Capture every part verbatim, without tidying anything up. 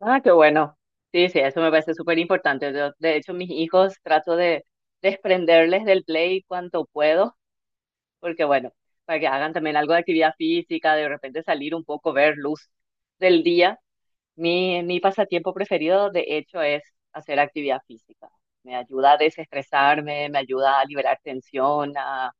Ah, qué bueno. Sí, sí, eso me parece súper importante. Yo, de hecho, mis hijos trato de desprenderles del play cuanto puedo, porque bueno, para que hagan también algo de actividad física, de repente salir un poco, ver luz del día. Mi, mi pasatiempo preferido, de hecho, es hacer actividad física. Me ayuda a desestresarme, me ayuda a liberar tensión, a,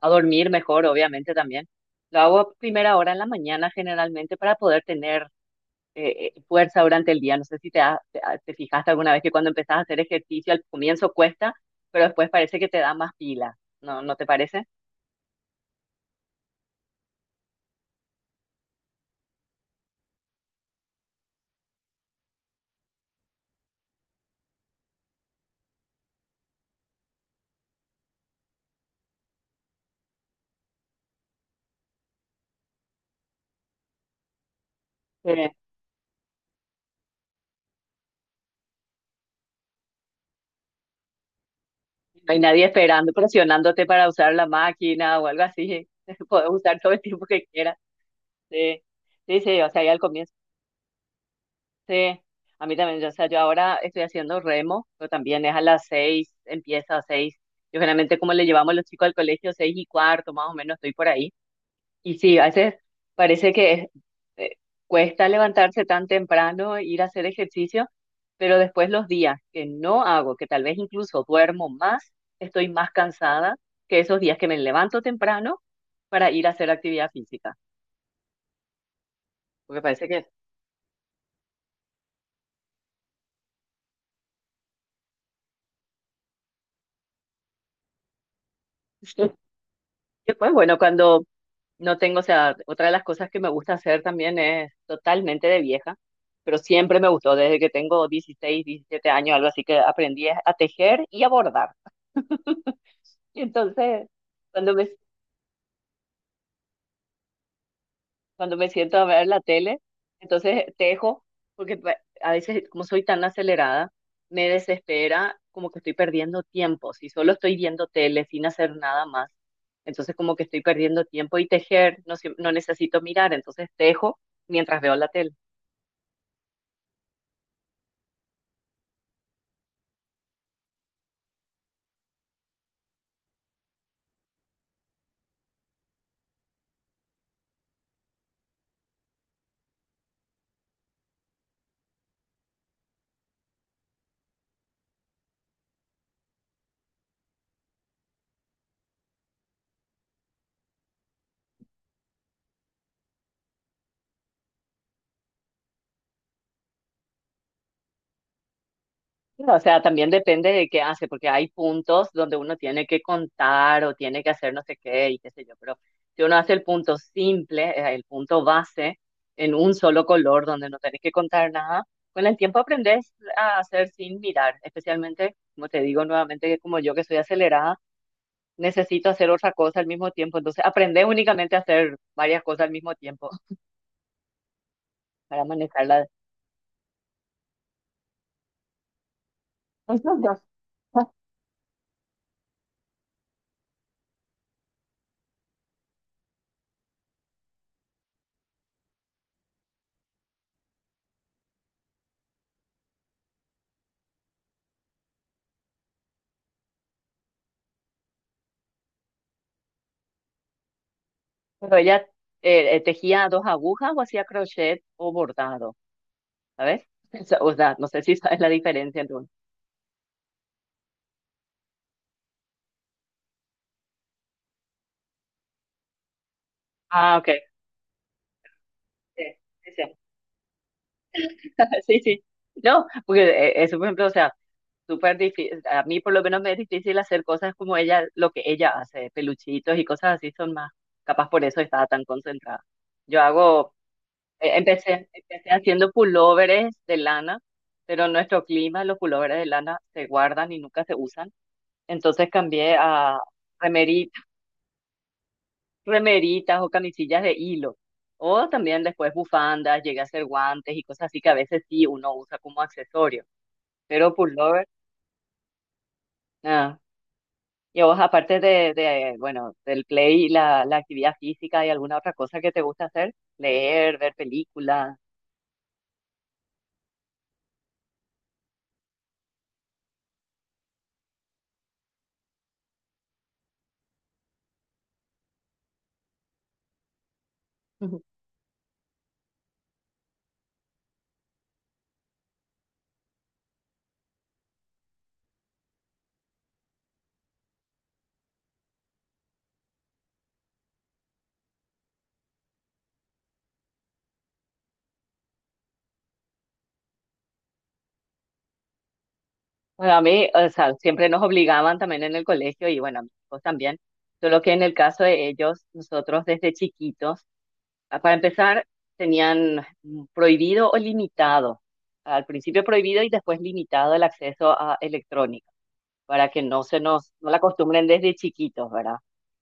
a dormir mejor, obviamente también. Lo hago a primera hora en la mañana generalmente para poder tener eh, eh, fuerza durante el día. No sé si te, ha- te, ha- te fijaste alguna vez que cuando empezás a hacer ejercicio al comienzo cuesta, pero después parece que te da más pila, ¿no? ¿No te parece? Eh, no hay nadie esperando, presionándote para usar la máquina o algo así. Puedes usar todo el tiempo que quieras. Sí, sí, sí, o sea, ya al comienzo. Sí, a mí también, yo, o sea, yo ahora estoy haciendo remo, pero también es a las seis, empieza a seis. Yo generalmente como le llevamos los chicos al colegio, seis y cuarto, más o menos, estoy por ahí. Y sí, a veces parece que es- eh, cuesta levantarse tan temprano, ir a hacer ejercicio, pero después los días que no hago, que tal vez incluso duermo más, estoy más cansada que esos días que me levanto temprano para ir a hacer actividad física. Porque parece que después, bueno, cuando no tengo, o sea, otra de las cosas que me gusta hacer también es totalmente de vieja, pero siempre me gustó, desde que tengo dieciséis diecisiete años, algo así que aprendí a tejer y a bordar. Entonces, cuando me, cuando me siento a ver la tele, entonces tejo, porque pa- a veces, como soy tan acelerada, me desespera como que estoy perdiendo tiempo. Si solo estoy viendo tele sin hacer nada más, entonces como que estoy perdiendo tiempo y tejer, no, siem- no necesito mirar, entonces tejo mientras veo la tele. No, o sea, también depende de qué hace, porque hay puntos donde uno tiene que contar o tiene que hacer no sé qué y qué sé yo, pero si uno hace el punto simple, eh, el punto base, en un solo color donde no tenés que contar nada, con el tiempo aprendes a hacer sin mirar, especialmente, como te digo nuevamente, que como yo que soy acelerada, necesito hacer otra cosa al mismo tiempo, entonces aprendes únicamente a hacer varias cosas al mismo tiempo para manejarla. Pero ella eh, eh, tejía dos agujas o hacía crochet o bordado. ¿Sabes? Esa- O sea, no sé si sabes la diferencia entre uno. Ah, ok. Sí, sí, sí. Sí, sí. No, porque eh, eso, por ejemplo, o sea, súper difícil, a mí por lo menos me es difícil hacer cosas como ella, lo que ella hace, peluchitos y cosas así son más, capaz por eso estaba tan concentrada. Yo hago, eh, empecé, empecé haciendo pulóveres de lana, pero en nuestro clima los pulóveres de lana se guardan y nunca se usan, entonces cambié a remeritas remeritas o camisillas de hilo. O también después bufandas, llega a ser guantes y cosas así que a veces sí uno usa como accesorio. Pero pullover, ah. Y a vos, aparte de, de, bueno, del play, y la, la actividad física y alguna otra cosa que te gusta hacer, leer, ver películas. Ujú. Bueno, a mí, o sea, siempre nos obligaban también en el colegio y bueno, a mis hijos también. Solo que en el caso de ellos, nosotros desde chiquitos ah, para empezar, tenían mm, prohibido o limitado, al principio prohibido y después limitado el acceso a electrónica, para que no se nos, no la acostumbren desde chiquitos, ¿verdad?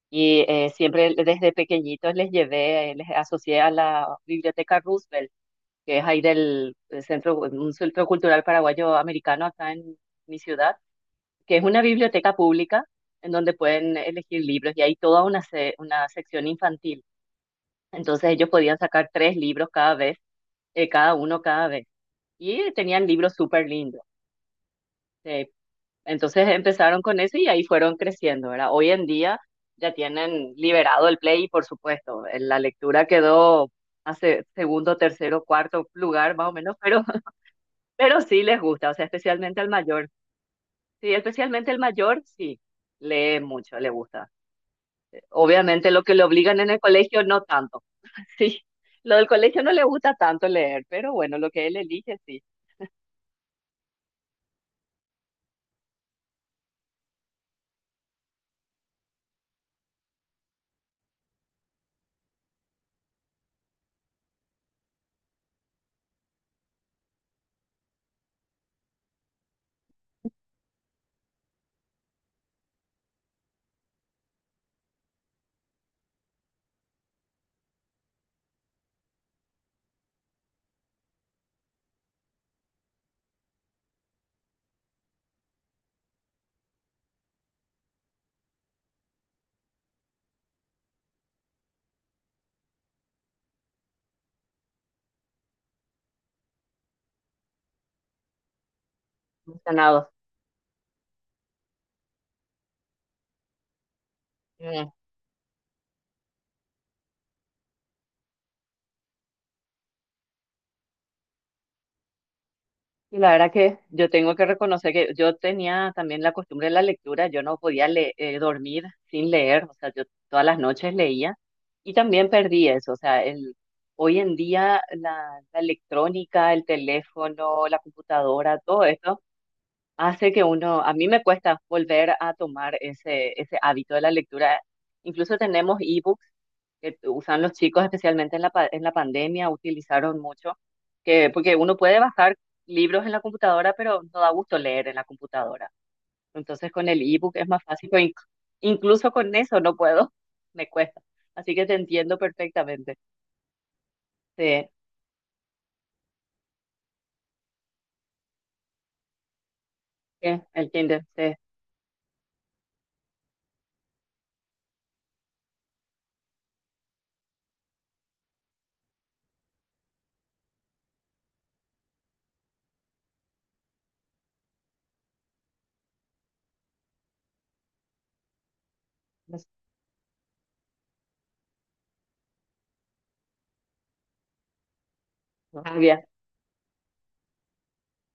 Y eh, siempre desde pequeñitos les llevé, eh, les asocié a la Biblioteca Roosevelt, que es ahí del eh, centro, un centro cultural paraguayo americano acá en mi ciudad, que es una biblioteca pública en donde pueden elegir libros y hay toda una, se- una sección infantil. Entonces ellos podían sacar tres libros cada vez eh, cada uno cada vez. Y tenían libros súper lindos. eh, entonces empezaron con eso y ahí fueron creciendo, ¿verdad? Hoy en día ya tienen liberado el Play y por supuesto, eh, la lectura quedó hace segundo, tercero, cuarto lugar más o menos, pero, pero sí les gusta, o sea, especialmente al mayor. Sí, especialmente el mayor, sí, lee mucho, le gusta. Obviamente lo que le obligan en el colegio, no tanto. Sí, lo del colegio no le gusta tanto leer, pero bueno, lo que él elige, sí, gusta. Y la verdad que yo tengo que reconocer que yo tenía también la costumbre de la lectura, yo no podía le- eh, dormir sin leer, o sea, yo todas las noches leía y también perdí eso, o sea, el, hoy en día la, la electrónica, el teléfono, la computadora, todo esto hace que uno, a mí me cuesta volver a tomar ese, ese hábito de la lectura. Incluso tenemos ebooks que usan los chicos, especialmente en la, pa- en la pandemia, utilizaron mucho, que, porque uno puede bajar libros en la computadora, pero no da gusto leer en la computadora. Entonces con el ebook es más fácil, pero inc- incluso con eso no puedo, me cuesta. Así que te entiendo perfectamente. Sí, eh, el Kindle, sí. No s- no sabía.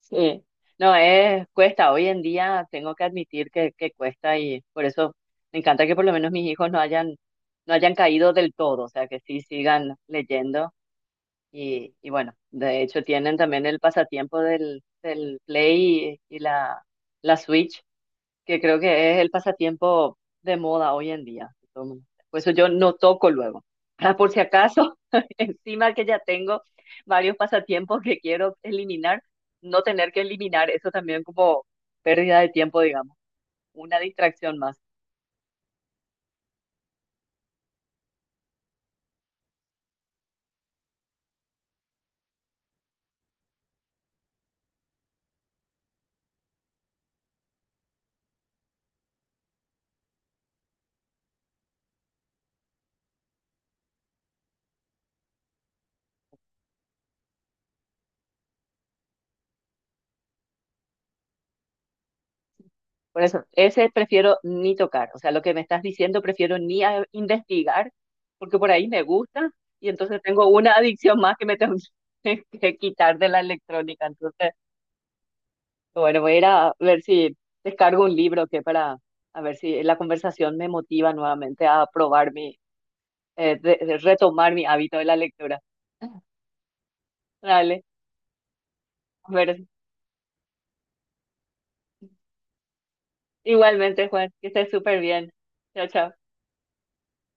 Sí. No, es, cuesta. Hoy en día tengo que admitir que, que cuesta y por eso me encanta que por lo menos mis hijos no hayan, no hayan caído del todo, o sea, que sí sigan leyendo. Y, y bueno, de hecho tienen también el pasatiempo del, del Play y, y la, la Switch, que creo que es el pasatiempo de moda hoy en día. Todo el mundo- Por eso yo no toco luego. Ah, por si acaso, encima que ya tengo varios pasatiempos que quiero eliminar, no tener que eliminar eso también como pérdida de tiempo, digamos, una distracción más. Por eso, ese prefiero ni tocar. O sea, lo que me estás diciendo prefiero ni a- investigar, porque por ahí me gusta y entonces tengo una adicción más que me tengo que quitar de la electrónica. Entonces, bueno, voy a ir a ver si descargo un libro que para, a ver si la conversación me motiva nuevamente a probar mi, eh, de- de retomar mi hábito de la lectura. Dale, a ver, igualmente, Juan, que estés súper bien. Chao, chao.